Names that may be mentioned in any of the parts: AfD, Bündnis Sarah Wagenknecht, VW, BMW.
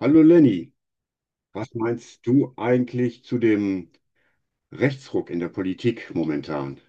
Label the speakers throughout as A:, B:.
A: Hallo Lenny, was meinst du eigentlich zu dem Rechtsruck in der Politik momentan?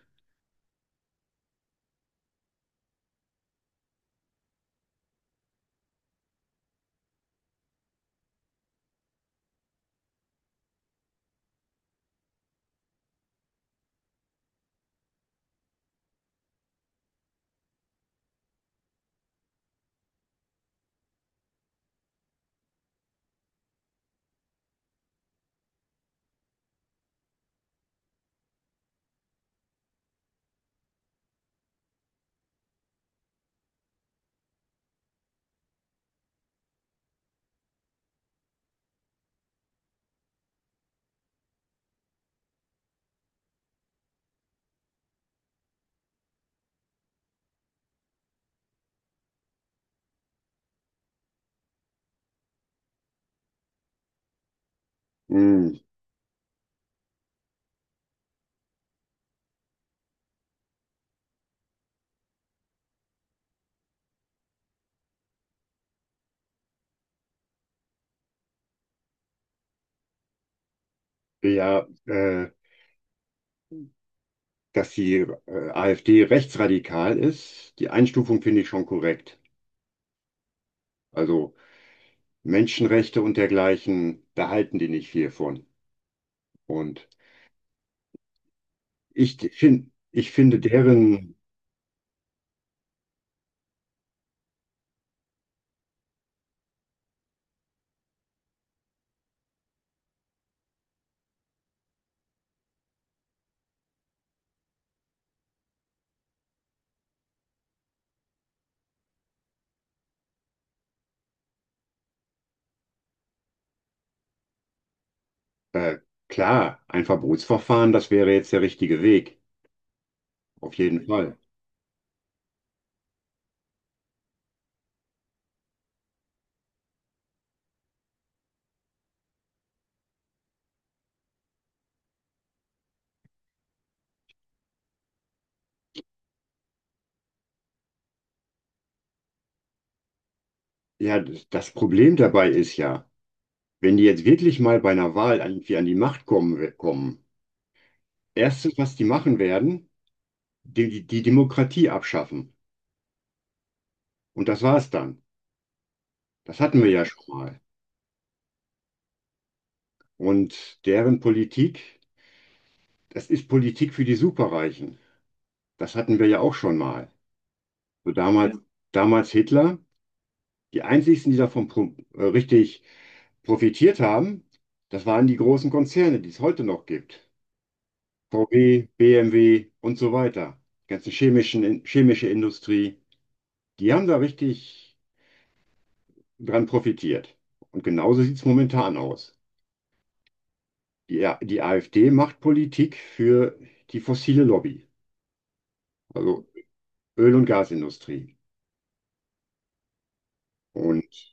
A: Hm, ja, dass die AfD rechtsradikal ist, die Einstufung finde ich schon korrekt. Also Menschenrechte und dergleichen, da halten die nicht viel von. Und ich finde deren, äh, klar, ein Verbotsverfahren, das wäre jetzt der richtige Weg, auf jeden Fall. Ja, das Problem dabei ist ja, wenn die jetzt wirklich mal bei einer Wahl irgendwie an die Macht kommen, erstes, was die machen werden, die Demokratie abschaffen. Und das war's dann. Das hatten wir ja schon mal. Und deren Politik, das ist Politik für die Superreichen. Das hatten wir ja auch schon mal. So damals, ja. Damals Hitler. Die einzigsten, die davon richtig profitiert haben, das waren die großen Konzerne, die es heute noch gibt. VW, BMW und so weiter. Die chemische Industrie. Die haben da richtig dran profitiert. Und genauso sieht es momentan aus. Die AfD macht Politik für die fossile Lobby, also Öl- und Gasindustrie. Und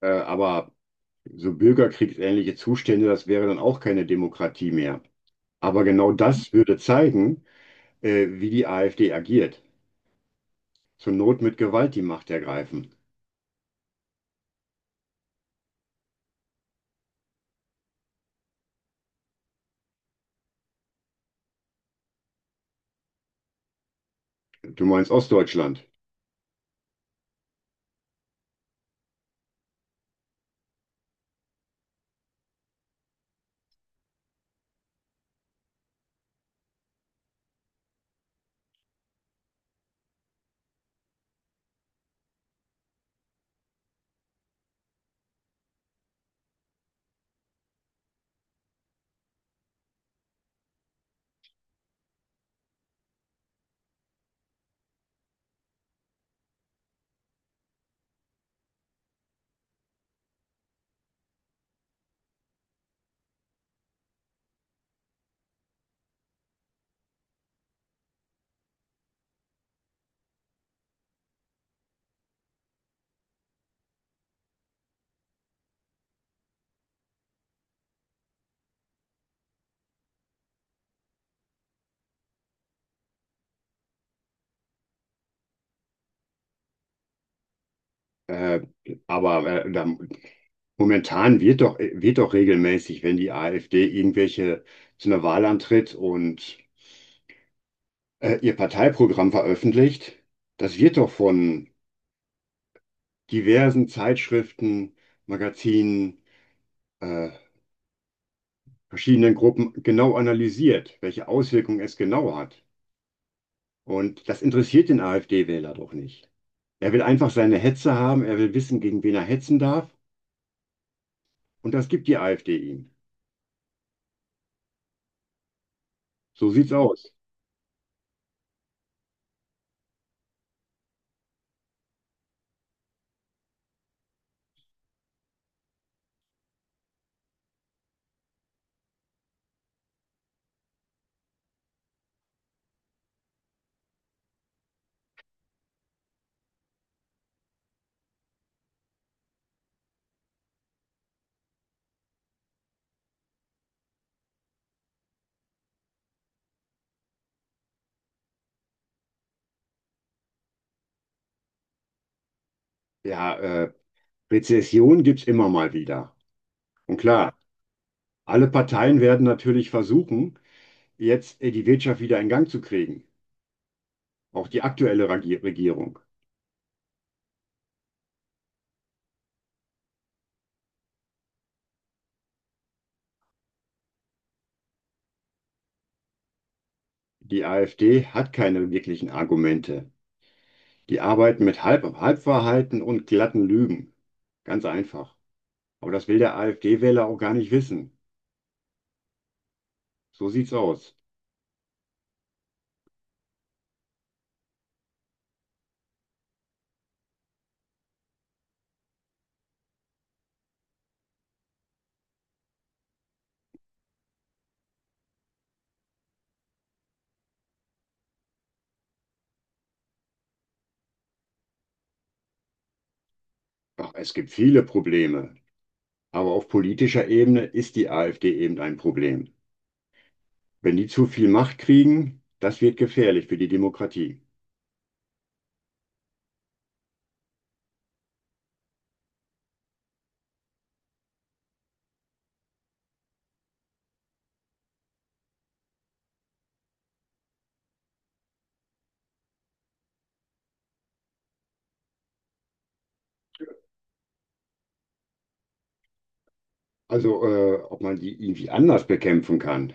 A: aber so bürgerkriegsähnliche Zustände, das wäre dann auch keine Demokratie mehr. Aber genau das würde zeigen, wie die AfD agiert. Zur Not mit Gewalt die Macht ergreifen. Du meinst Ostdeutschland. Äh, aber äh, da, momentan wird doch regelmäßig, wenn die AfD irgendwelche zu einer Wahl antritt und ihr Parteiprogramm veröffentlicht, das wird doch von diversen Zeitschriften, Magazinen, äh, verschiedenen Gruppen genau analysiert, welche Auswirkungen es genau hat. Und das interessiert den AfD-Wähler doch nicht. Er will einfach seine Hetze haben, er will wissen, gegen wen er hetzen darf. Und das gibt die AfD ihm. So sieht's aus. Ja, Rezession gibt's immer mal wieder. Und klar, alle Parteien werden natürlich versuchen, jetzt die Wirtschaft wieder in Gang zu kriegen. Auch die aktuelle Regierung. Die AfD hat keine wirklichen Argumente. Die arbeiten mit Halbwahrheiten und glatten Lügen. Ganz einfach. Aber das will der AfD-Wähler auch gar nicht wissen. So sieht's aus. Ach, es gibt viele Probleme. Aber auf politischer Ebene ist die AfD eben ein Problem. Wenn die zu viel Macht kriegen, das wird gefährlich für die Demokratie. Also, ob man die irgendwie anders bekämpfen kann.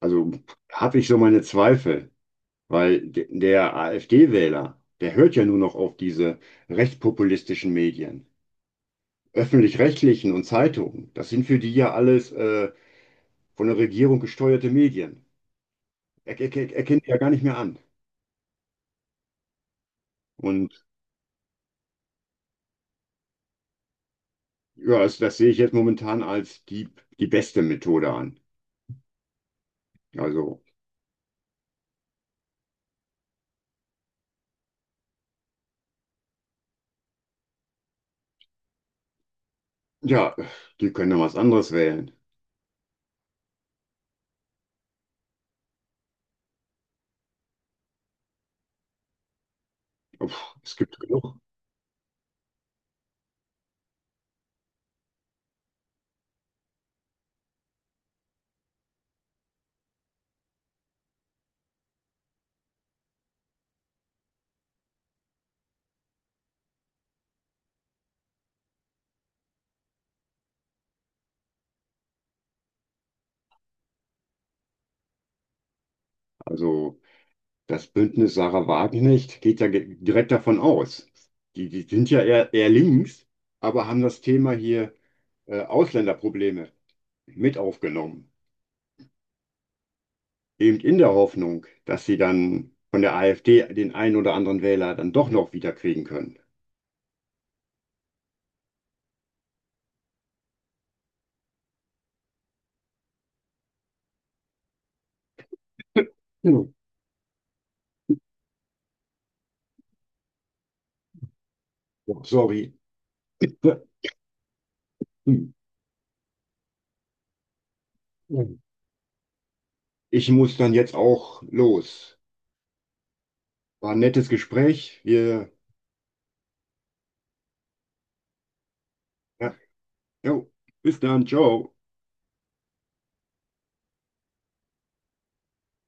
A: Also habe ich so meine Zweifel, weil de der AfD-Wähler, der hört ja nur noch auf diese rechtspopulistischen Medien, öffentlich-rechtlichen und Zeitungen. Das sind für die ja alles von der Regierung gesteuerte Medien. Er kennt die ja gar nicht mehr an. Und ja, das sehe ich jetzt momentan als die beste Methode an. Also, ja, die können ja was anderes wählen. Puh, es gibt genug. Also. Das Bündnis Sarah Wagenknecht geht ja direkt davon aus. Die sind ja eher links, aber haben das Thema hier Ausländerprobleme mit aufgenommen. Eben in der Hoffnung, dass sie dann von der AfD den einen oder anderen Wähler dann doch noch wieder kriegen können. Hm. Sorry. Hm. Ich muss dann jetzt auch los. War ein nettes Gespräch. Wir, ja, jo, bis dann, ciao.